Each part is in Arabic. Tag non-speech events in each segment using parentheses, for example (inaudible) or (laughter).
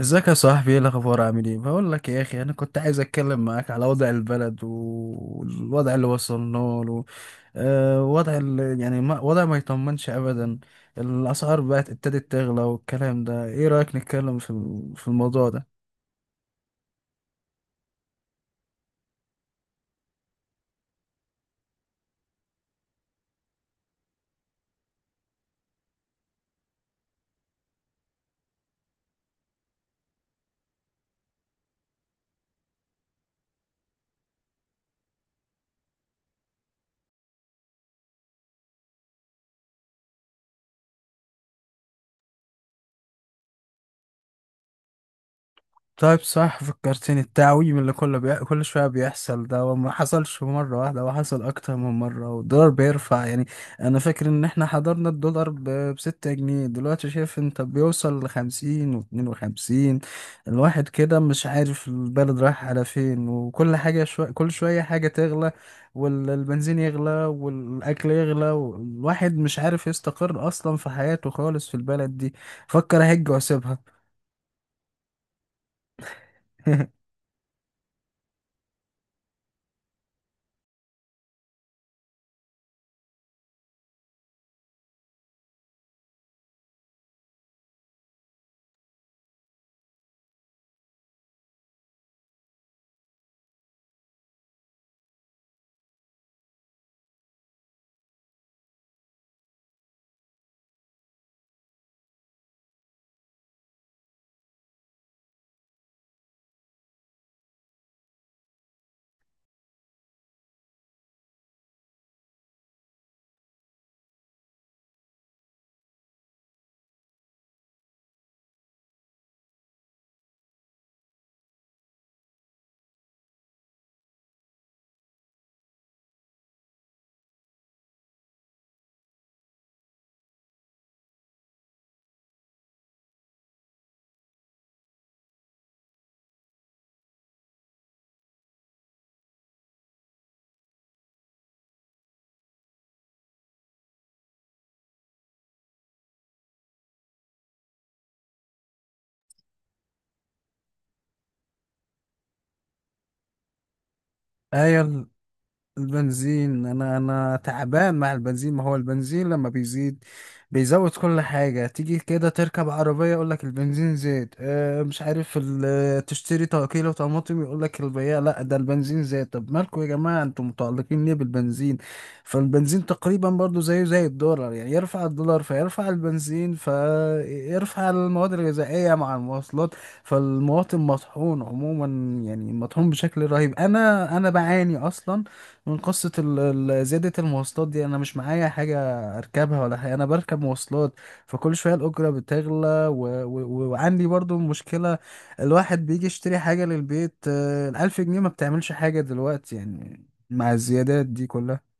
ازيك يا صاحبي؟ ايه الاخبار؟ عامل ايه؟ بقول لك يا اخي، انا كنت عايز اتكلم معاك على وضع البلد و- والوضع اللي وصلنا له. وضع وضع ما يطمنش ابدا. الاسعار بقت ابتدت تغلى والكلام ده، ايه رايك نتكلم في في الموضوع ده؟ طيب، صح، فكرتني التعويم اللي كله كل شوية بيحصل ده، وما حصلش مرة واحدة، هو حصل أكتر من مرة، والدولار بيرفع يعني. أنا فاكر إن إحنا حضرنا الدولار بستة جنيه، دلوقتي شايف أنت بيوصل لخمسين واتنين وخمسين. الواحد كده مش عارف البلد رايح على فين، وكل حاجة كل شوية حاجة تغلى. والبنزين يغلى والأكل يغلى، والواحد مش عارف يستقر أصلا في حياته خالص في البلد دي. فكر أهج وأسيبها. (laughs) ايوه، البنزين انا تعبان مع البنزين. ما هو البنزين لما بيزيد بيزود كل حاجة. تيجي كده تركب عربية يقولك البنزين زاد. اه، مش عارف تشتري كيلو طماطم يقولك البياع لا ده البنزين زاد. طب مالكوا يا جماعة انتوا متعلقين ليه بالبنزين؟ فالبنزين تقريبا برضو زيه زي الدولار، يعني يرفع الدولار فيرفع البنزين فيرفع المواد الغذائية مع المواصلات. فالمواطن مطحون عموما، يعني مطحون بشكل رهيب. انا بعاني اصلا من قصة زيادة المواصلات دي. أنا مش معايا حاجة أركبها ولا حاجة، أنا بركب مواصلات، فكل شوية الأجرة بتغلى. وعندي برضو مشكلة، الواحد بيجي يشتري حاجة للبيت. الألف جنيه ما بتعملش حاجة دلوقتي يعني مع الزيادات دي كلها.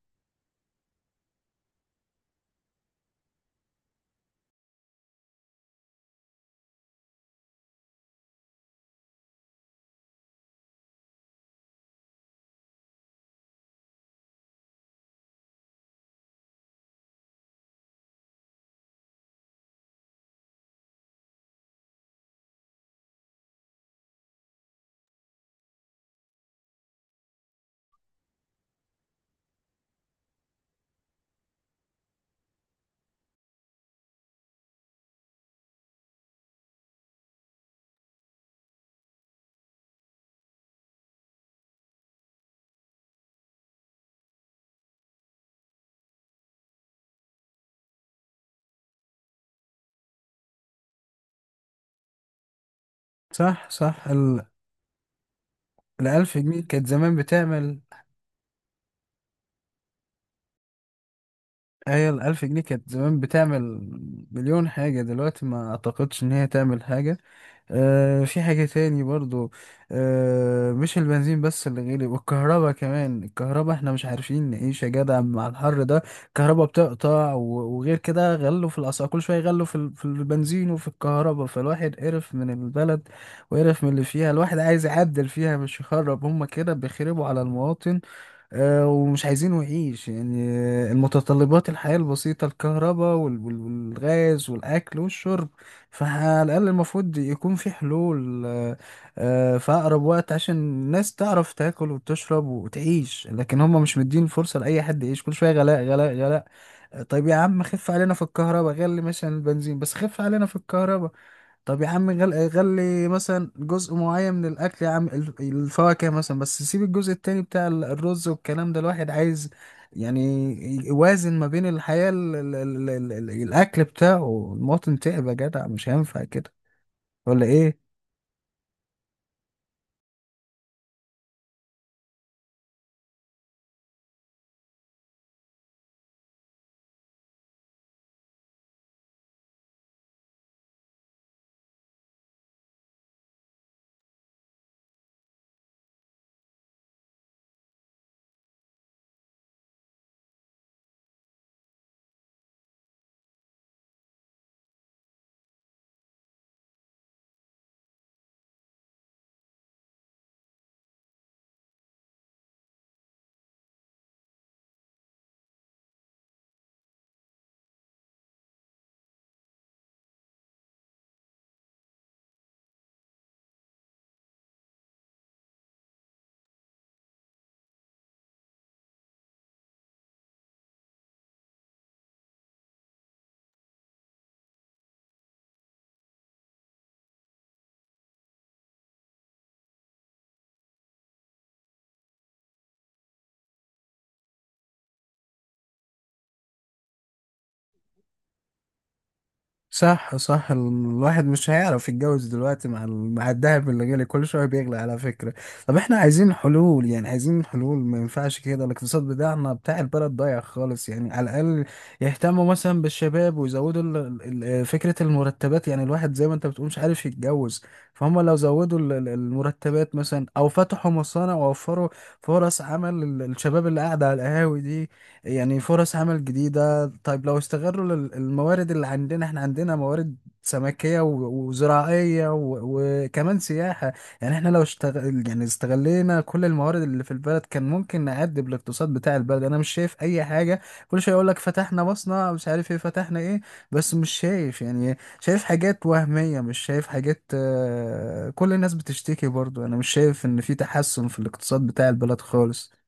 صح، صح. الألف جنيه كانت زمان بتعمل، هي الألف جنيه كانت زمان بتعمل مليون حاجة، دلوقتي ما أعتقدش إن هي تعمل حاجة. في حاجة تاني برضو، مش البنزين بس اللي غالي، والكهرباء كمان. الكهرباء احنا مش عارفين نعيش يا جدع مع الحر ده. الكهرباء بتقطع، وغير كده غلوا في الأسعار كل شوية، غلوا في في البنزين وفي الكهرباء. فالواحد قرف من البلد وقرف من اللي فيها. الواحد عايز يعدل فيها مش يخرب، هما كده بيخربوا على المواطن. ومش عايزينه يعيش يعني. المتطلبات الحياة البسيطة: الكهرباء والغاز والأكل والشرب. فعلى الأقل المفروض يكون في حلول، في أقرب وقت، عشان الناس تعرف تاكل وتشرب وتعيش. لكن هم مش مدين فرصة لأي حد يعيش، كل شوية غلاء غلاء غلاء. طيب يا عم خف علينا في الكهرباء. غلي مثلا البنزين بس خف علينا في الكهرباء. طب يا عم غلي مثلا جزء معين من الاكل، يا عم الفواكه مثلا، بس سيب الجزء التاني بتاع الرز والكلام ده. الواحد عايز يعني يوازن ما بين الحياة الاكل بتاعه. المواطن تعب يا جدع، مش هينفع كده ولا ايه؟ صح صح. الواحد مش هيعرف يتجوز دلوقتي مع مع الدهب اللي غالي كل شويه بيغلى على فكره. طب احنا عايزين حلول، يعني عايزين حلول، ما ينفعش كده. الاقتصاد بتاعنا بتاع البلد ضايع خالص يعني. على الاقل يهتموا مثلا بالشباب، ويزودوا فكره المرتبات. يعني الواحد زي ما انت بتقول مش عارف يتجوز. فهم لو زودوا المرتبات مثلا، او فتحوا مصانع ووفروا فرص عمل للشباب اللي قاعده على القهاوي دي، يعني فرص عمل جديده. طيب لو استغلوا الموارد اللي عندنا. احنا عندنا موارد سمكية وزراعية وكمان سياحة. يعني احنا لو اشتغل يعني استغلينا كل الموارد اللي في البلد كان ممكن نعدب الاقتصاد بتاع البلد. انا مش شايف اي حاجة. كل شوية يقول لك فتحنا مصنع، مش عارف ايه فتحنا ايه، بس مش شايف يعني. شايف حاجات وهمية مش شايف حاجات. كل الناس بتشتكي برضو. انا مش شايف ان في تحسن في الاقتصاد بتاع البلد خالص.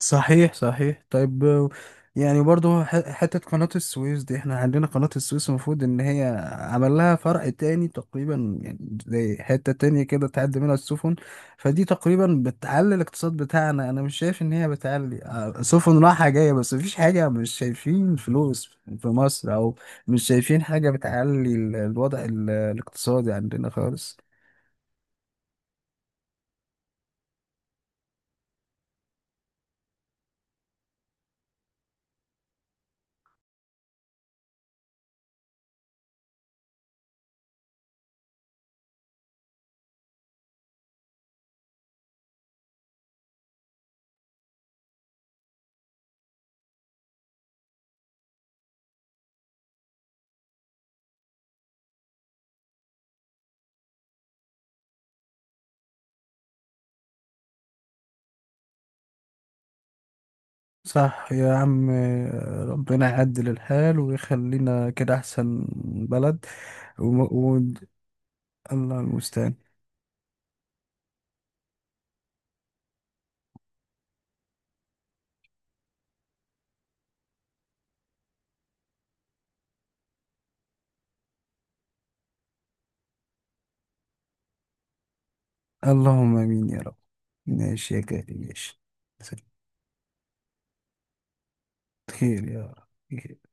صحيح صحيح. طيب، يعني برضو حتة قناة السويس دي، احنا عندنا قناة السويس المفروض ان هي عمل لها فرع تاني تقريبا، يعني زي حتة تانية كده تعدي منها السفن. فدي تقريبا بتعلي الاقتصاد بتاعنا. انا مش شايف ان هي بتعلي. سفن رايحة جاية بس مفيش حاجة. مش شايفين فلوس في مصر، او مش شايفين حاجة بتعلي الوضع الاقتصادي عندنا خالص. صح يا عم، ربنا يعدل الحال ويخلينا كده أحسن بلد. وم... و... الله المستعان. اللهم آمين يا رب. ماشي يا كريم، ماشي. خير يا رب.